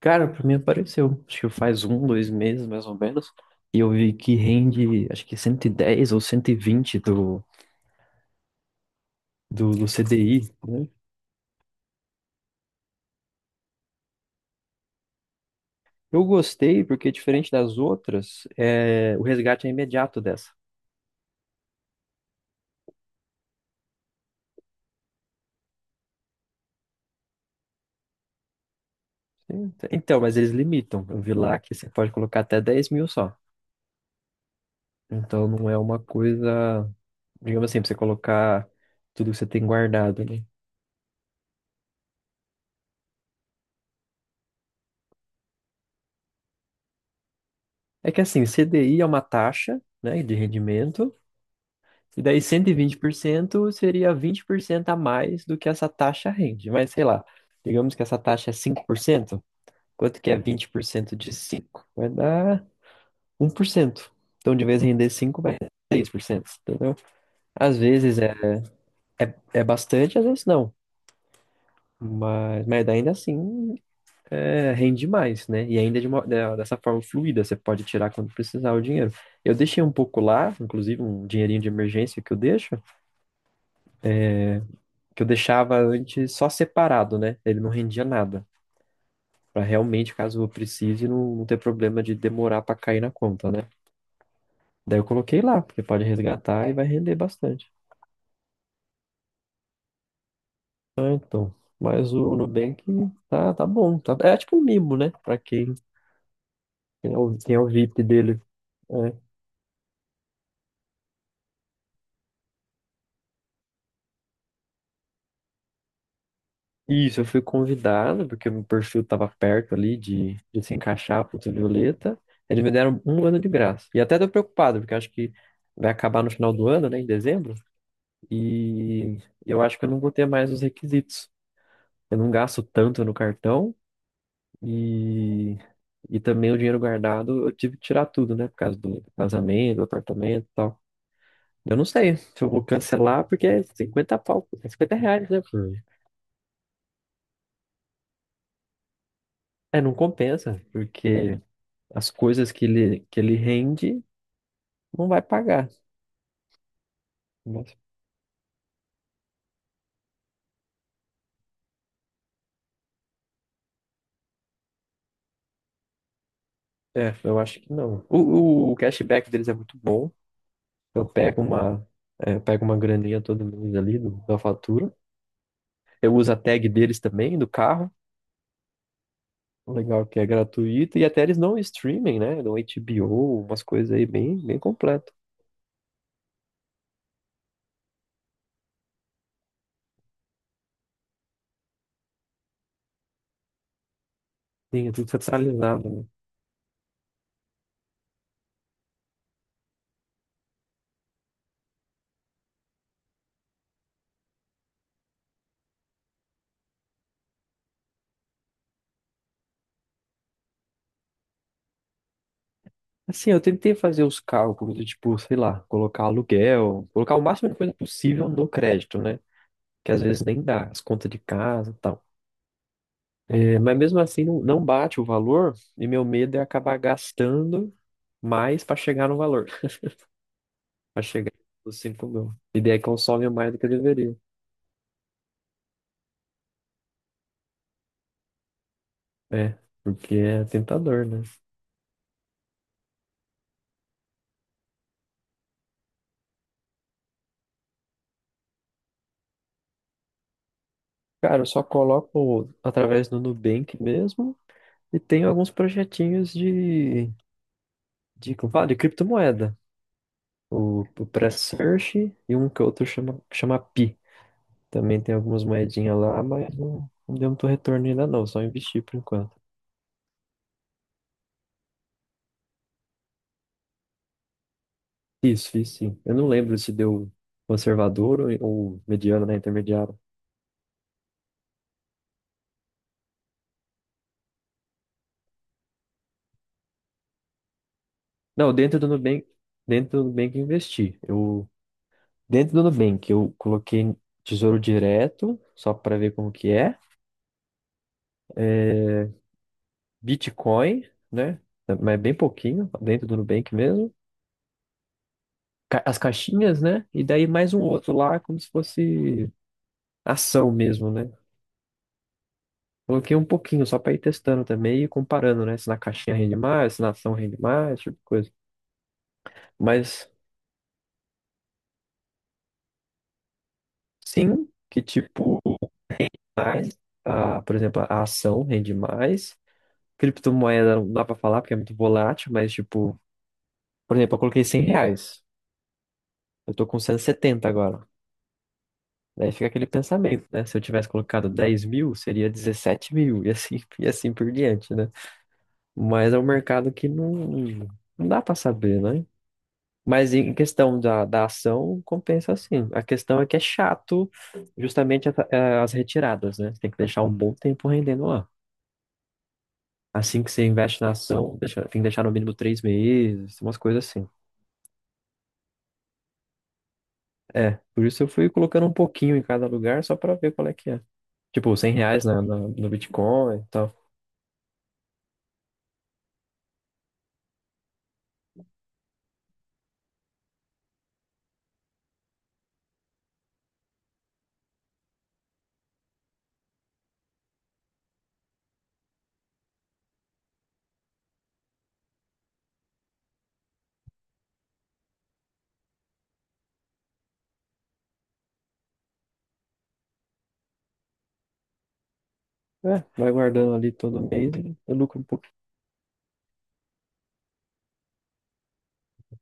Cara, pra mim apareceu. Acho que faz um, dois meses, mais ou menos. E eu vi que rende, acho que 110 ou 120 do CDI, né? Eu gostei, porque diferente das outras, o resgate é imediato dessa. Então, mas eles limitam. Eu vi lá que você pode colocar até 10.000 só. Então, não é uma coisa, digamos assim, pra você colocar tudo que você tem guardado, né? É que assim, CDI é uma taxa, né, de rendimento. E daí 120% seria 20% a mais do que essa taxa rende. Mas sei lá, digamos que essa taxa é 5%, quanto que é 20% de 5? Vai dar 1%. Então, de vez em render 5, vai dar 6%, entendeu? Às vezes é bastante, às vezes não. Mas ainda assim, rende mais, né? E ainda dessa forma fluida, você pode tirar quando precisar o dinheiro. Eu deixei um pouco lá, inclusive um dinheirinho de emergência que eu deixo, que eu deixava antes só separado, né? Ele não rendia nada. Pra realmente, caso eu precise, não ter problema de demorar pra cair na conta, né? Daí eu coloquei lá, porque pode resgatar e vai render bastante. Ah, então. Mas o Nubank tá bom. Tá, é tipo um mimo, né? Pra quem é o VIP dele. É. Isso, eu fui convidado, porque meu perfil tava perto ali de se encaixar pro Violeta. Eles me deram um ano de graça. E até tô preocupado, porque eu acho que vai acabar no final do ano, né? Em dezembro. E eu acho que eu não vou ter mais os requisitos. Eu não gasto tanto no cartão e, e também o dinheiro guardado eu tive que tirar tudo, né? Por causa do casamento, apartamento e tal. Eu não sei se eu vou cancelar, porque é 50 pau, é R$ 50, né? É, não compensa, porque as coisas que ele rende não vai pagar. Mas, é, eu acho que não. O cashback deles é muito bom. Eu pego eu pego uma graninha todo mês ali da fatura. Eu uso a tag deles também, do carro. Legal é que é gratuito. E até eles dão streaming, né? Dão HBO, umas coisas aí bem completo. Sim, é tudo centralizado, né? Assim, eu tentei fazer os cálculos, de, tipo, sei lá, colocar aluguel, colocar o máximo de coisa possível no crédito, né? Que às vezes nem dá, as contas de casa e tal. É, mas mesmo assim, não bate o valor, e meu medo é acabar gastando mais para chegar no valor, para chegar nos 5 mil. E daí consome mais do que eu deveria. É, porque é tentador, né? Cara, eu só coloco através do Nubank mesmo e tenho alguns projetinhos como fala, de criptomoeda. O Pré-Search e um que outro chama, que chama Pi. Também tem algumas moedinhas lá, mas não deu muito retorno ainda não, só investi por enquanto. Isso, fiz sim. Eu não lembro se deu conservador ou mediano, né, intermediário. Não, dentro do Nubank, dentro do Nubank eu investi. Eu, dentro do Nubank eu coloquei Tesouro Direto, só para ver como que é. É, Bitcoin, né? Mas é bem pouquinho, dentro do Nubank mesmo. As caixinhas, né? E daí mais um outro lá, como se fosse ação mesmo, né? Coloquei um pouquinho só para ir testando também e comparando, né? Se na caixinha rende mais, se na ação rende mais, esse tipo de coisa. Mas sim, que tipo, mais, a, por exemplo, a ação rende mais. Criptomoeda não dá para falar porque é muito volátil, mas tipo, por exemplo, eu coloquei R$ 100. Eu tô com 170 agora. Daí fica aquele pensamento, né? Se eu tivesse colocado 10.000, seria 17.000, e assim, e assim por diante, né? Mas é um mercado que não dá para saber, né? Mas em questão da ação, compensa sim. A questão é que é chato justamente as retiradas, né? Você tem que deixar um bom tempo rendendo lá. Assim que você investe na ação, tem que deixar no mínimo 3 meses, umas coisas assim. É, por isso eu fui colocando um pouquinho em cada lugar só para ver qual é que é. Tipo, R$ 100 no Bitcoin. É, vai guardando ali todo mês e eu lucro um pouquinho.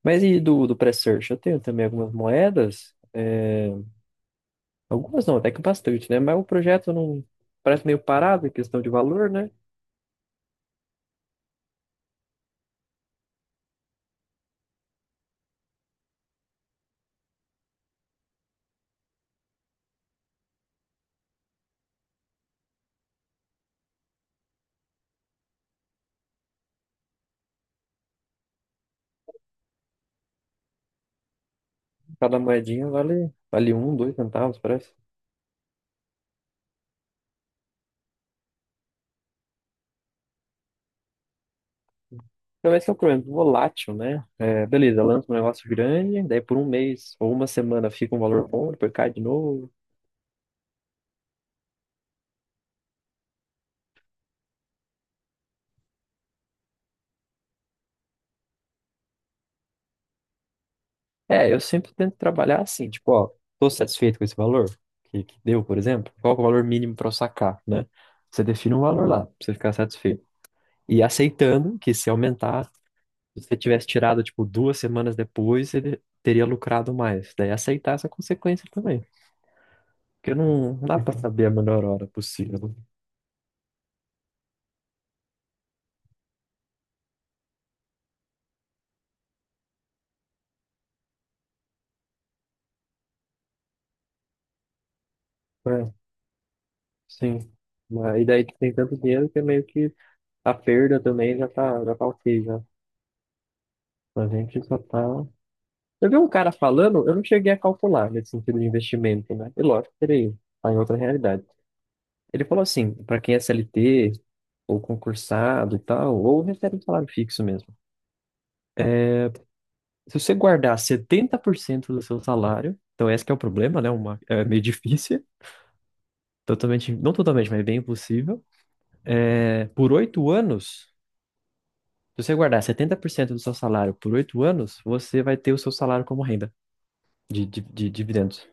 Mas e do pré-search? Eu tenho também algumas moedas. Algumas não, até que bastante, né? Mas o projeto não parece meio parado em questão de valor, né? Cada moedinha vale um, dois centavos, parece. Então esse é o problema, volátil, né? É, beleza, lança um negócio grande, daí por um mês ou uma semana fica um valor bom, depois cai de novo. É, eu sempre tento trabalhar assim, tipo, ó, tô satisfeito com esse valor que deu, por exemplo, qual que é o valor mínimo para eu sacar, né? Você define um valor lá, pra você ficar satisfeito. E aceitando que se aumentar, se você tivesse tirado, tipo, duas semanas depois, ele teria lucrado mais. Daí aceitar essa consequência também. Porque não dá pra saber a melhor hora possível. Né? É, sim. Mas, e daí tem tanto dinheiro que é meio que a perda também já tá ok, já. A gente só tá. Eu vi um cara falando, eu não cheguei a calcular nesse sentido de investimento, né? E lógico, teria tá em outra realidade. Ele falou assim, para quem é CLT, ou concursado e tal, ou recebe um salário fixo mesmo. Se você guardar 70% do seu salário, então esse que é o problema, né? Uma, é meio difícil, totalmente, não totalmente, mas bem impossível. É, por oito anos, se você guardar 70% do seu salário por oito anos, você vai ter o seu salário como renda de dividendos.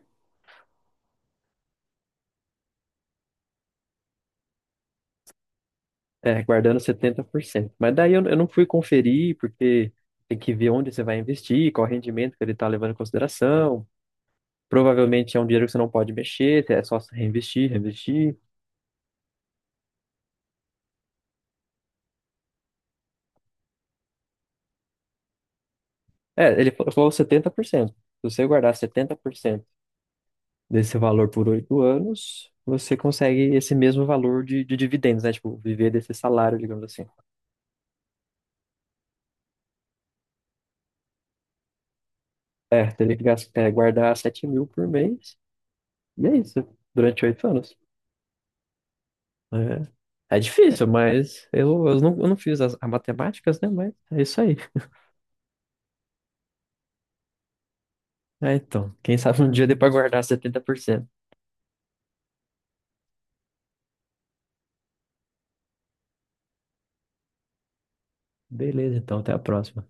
É, guardando 70%. Mas daí eu não fui conferir, porque tem que ver onde você vai investir, qual rendimento que ele está levando em consideração. Provavelmente é um dinheiro que você não pode mexer, é só se reinvestir, reinvestir. É, falou 70%. Se você guardar 70% desse valor por oito anos, você consegue esse mesmo valor de dividendos, né? Tipo, viver desse salário, digamos assim. É, teria guardar 7.000 por mês, e é isso, durante oito anos. É, é difícil, mas eu não fiz as matemáticas, né? Mas é isso aí. É, então, quem sabe um dia dê pra guardar setenta por cento. Beleza, então, até a próxima.